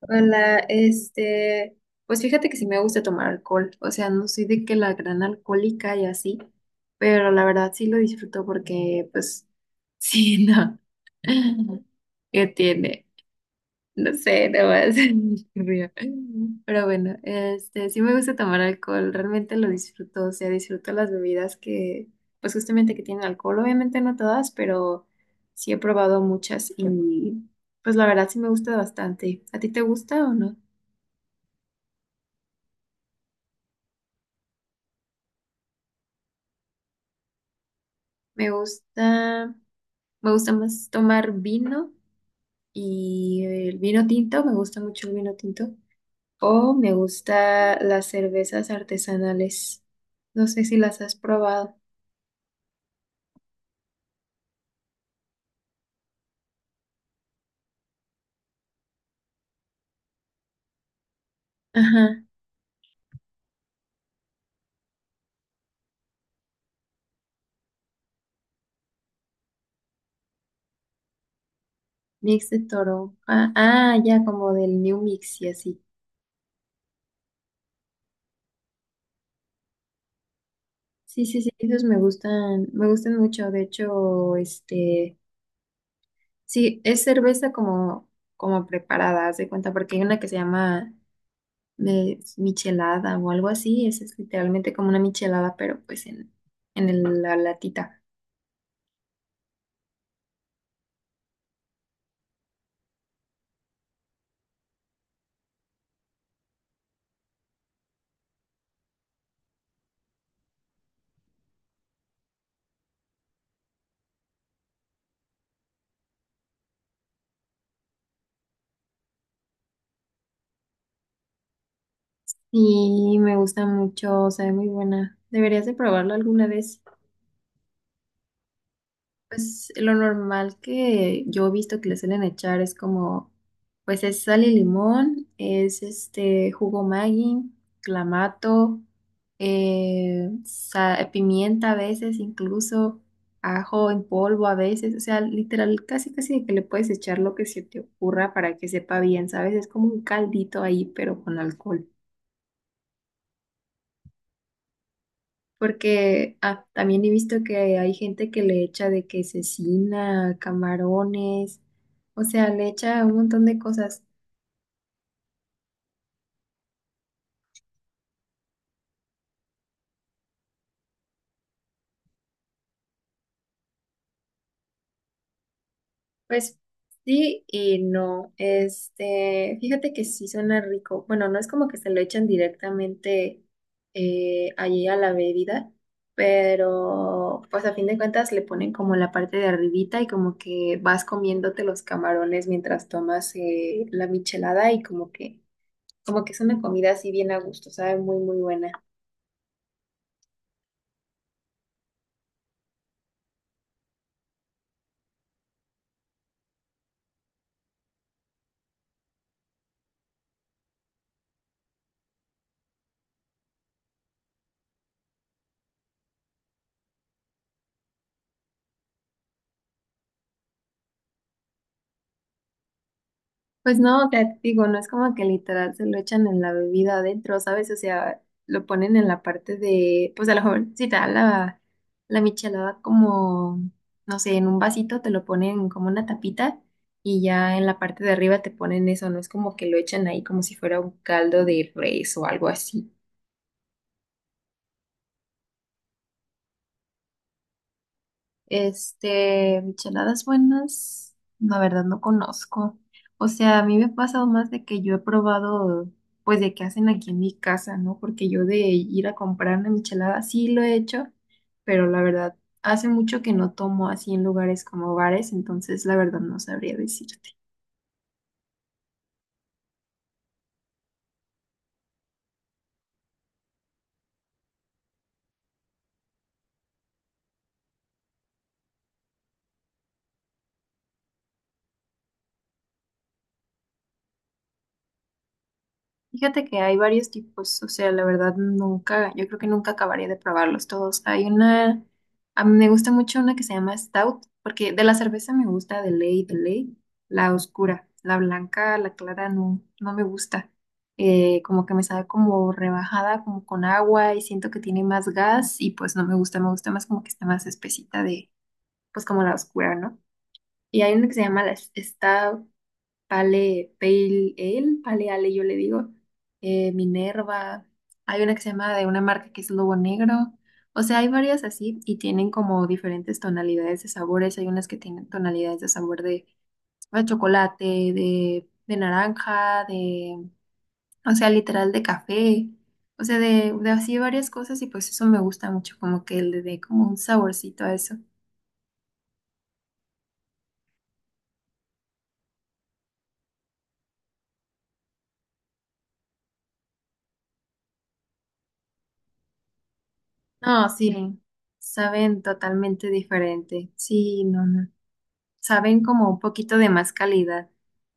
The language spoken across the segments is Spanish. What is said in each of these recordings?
Hola, pues fíjate que sí me gusta tomar alcohol. O sea, no soy de que la gran alcohólica y así, pero la verdad sí lo disfruto porque, pues, sí, no, ¿qué tiene? No sé, no más, río. Pero bueno, sí me gusta tomar alcohol, realmente lo disfruto. O sea, disfruto pues justamente que tienen alcohol, obviamente no todas, pero sí he probado muchas, y pues la verdad sí me gusta bastante. ¿A ti te gusta o no? Me gusta, me gusta más tomar vino, y el vino tinto, me gusta mucho el vino tinto. O me gusta las cervezas artesanales. No sé si las has probado. Ajá, mix de toro. Ah, ah, ya como del New Mix y así. Sí, sí, sí, esos me gustan mucho. De hecho, sí, es cerveza como, como preparada, haz de cuenta, porque hay una que se llama de michelada o algo así. Esa es literalmente como una michelada, pero pues en, la latita. Y me gusta mucho, sabe muy buena. Deberías de probarlo alguna vez. Pues lo normal que yo he visto que le suelen echar es como, pues es sal y limón, es este jugo Maggi, clamato, pimienta a veces incluso, ajo en polvo a veces. O sea, literal, casi casi que le puedes echar lo que se te ocurra para que sepa bien, ¿sabes? Es como un caldito ahí, pero con alcohol. Porque ah, también he visto que hay gente que le echa de que cecina, camarones. O sea, le echa un montón de cosas. Pues sí y no. Fíjate que sí suena rico. Bueno, no es como que se lo echan directamente allí a la bebida, pero pues a fin de cuentas le ponen como la parte de arribita y como que vas comiéndote los camarones mientras tomas la michelada, y como que es una comida así bien a gusto, sabe muy, muy buena. Pues no, te digo, no es como que literal se lo echan en la bebida adentro, ¿sabes? O sea, lo ponen en la parte de, pues a lo mejor si te da la michelada como, no sé, en un vasito te lo ponen como una tapita, y ya en la parte de arriba te ponen eso, no es como que lo echan ahí como si fuera un caldo de res o algo así. Micheladas buenas, la verdad no conozco. O sea, a mí me ha pasado más de que yo he probado, pues de que hacen aquí en mi casa, ¿no? Porque yo de ir a comprar una michelada sí lo he hecho, pero la verdad hace mucho que no tomo así en lugares como bares, entonces la verdad no sabría decirte. Fíjate que hay varios tipos. O sea, la verdad nunca, yo creo que nunca acabaría de probarlos todos. Hay una, a mí me gusta mucho una que se llama Stout, porque de la cerveza me gusta de ley, la oscura, la blanca, la clara no, no me gusta. Como que me sabe como rebajada, como con agua, y siento que tiene más gas y pues no me gusta, me gusta más como que está más espesita de, pues como la oscura, ¿no? Y hay una que se llama la Stout Pale, Pale Ale, Pale Ale yo le digo, Minerva, hay una que se llama de una marca que es Lobo Negro. O sea, hay varias así y tienen como diferentes tonalidades de sabores, hay unas que tienen tonalidades de sabor de chocolate, de naranja, de, o sea, literal de café. O sea, de así varias cosas, y pues eso me gusta mucho, como que le dé como un saborcito a eso. No, sí, saben totalmente diferente, sí, no, no. Saben como un poquito de más calidad.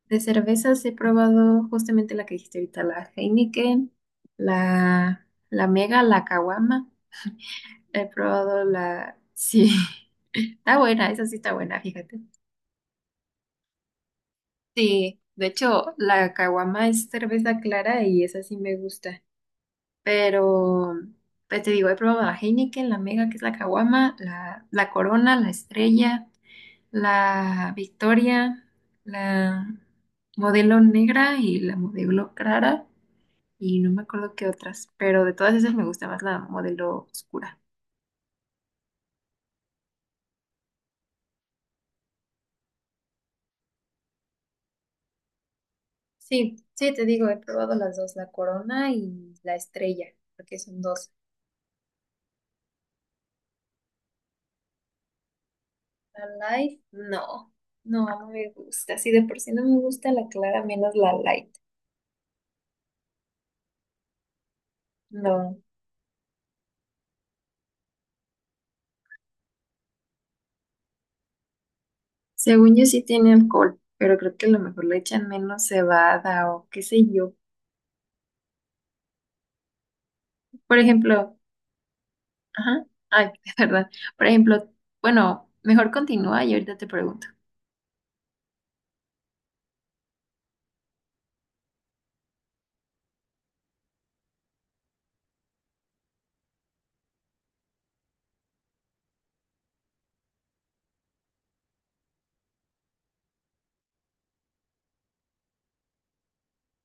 De cervezas he probado justamente la que dijiste ahorita, la Heineken, la Mega, la Caguama. He probado la... Sí, está buena, esa sí está buena, fíjate. Sí, de hecho, la Caguama es cerveza clara y esa sí me gusta. Pero, pues te digo, he probado la Heineken, la Mega, que es la Caguama, la Corona, la Estrella, la Victoria, la modelo negra y la modelo clara, y no me acuerdo qué otras, pero de todas esas me gusta más la modelo oscura. Sí, sí, te digo, he probado las dos, la corona y la estrella, porque son dos. La light, no, no, no me gusta. Si de por sí no me gusta la clara, menos la light. No. Según yo sí tiene alcohol, pero creo que a lo mejor le echan menos cebada o qué sé yo. Por ejemplo, ajá. Ay, es verdad. Por ejemplo, bueno, mejor continúa y ahorita te pregunto.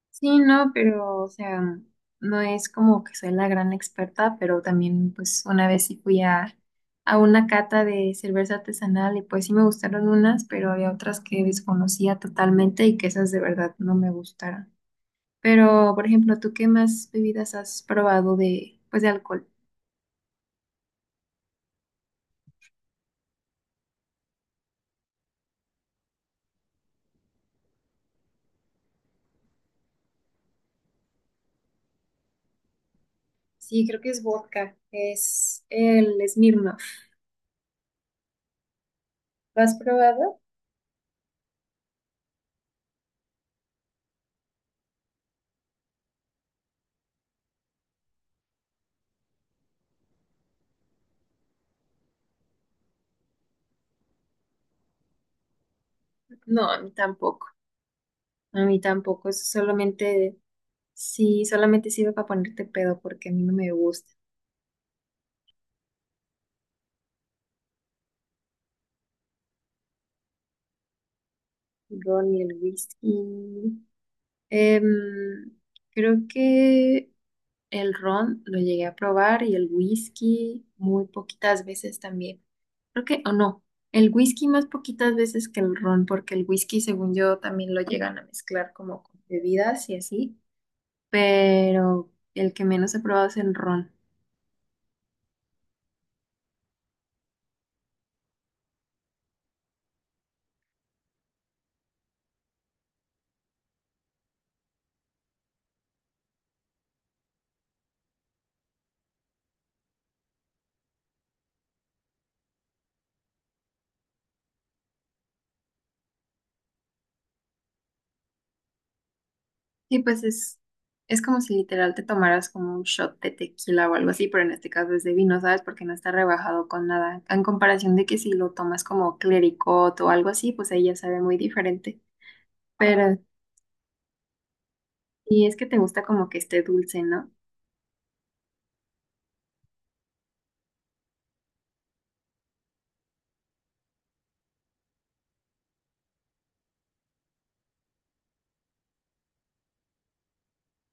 Sí, no, pero, o sea, no es como que soy la gran experta, pero también, pues, una vez sí fui a una cata de cerveza artesanal y pues sí me gustaron unas, pero había otras que desconocía totalmente y que esas de verdad no me gustaron. Pero, por ejemplo, ¿tú qué más bebidas has probado de, pues, de alcohol? Sí, creo que es vodka, es el Smirnoff. ¿Lo has probado? No, a mí tampoco. A mí tampoco, eso solamente, sí, solamente sirve para ponerte pedo porque a mí no me gusta el ron ni el whisky. Em, creo que el ron lo llegué a probar, y el whisky muy poquitas veces también. Creo que, o no, el whisky más poquitas veces que el ron, porque el whisky según yo también lo llegan a mezclar como con bebidas y así, pero el que menos he probado es el ron. Sí, pues es como si literal te tomaras como un shot de tequila o algo así, pero en este caso es de vino, ¿sabes? Porque no está rebajado con nada. En comparación de que si lo tomas como clericot o algo así, pues ahí ya sabe muy diferente. Pero y es que te gusta como que esté dulce, ¿no?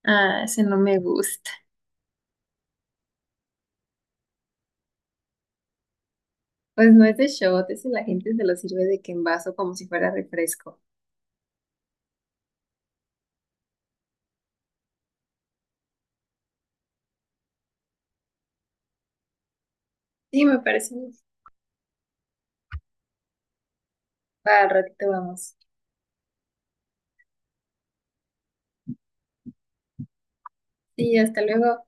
Ah, ese no me gusta. Pues no es de shot, ese la gente se lo sirve de que en vaso como si fuera refresco. Sí, me parece. Muy- Va, al ratito vamos. Sí, hasta luego.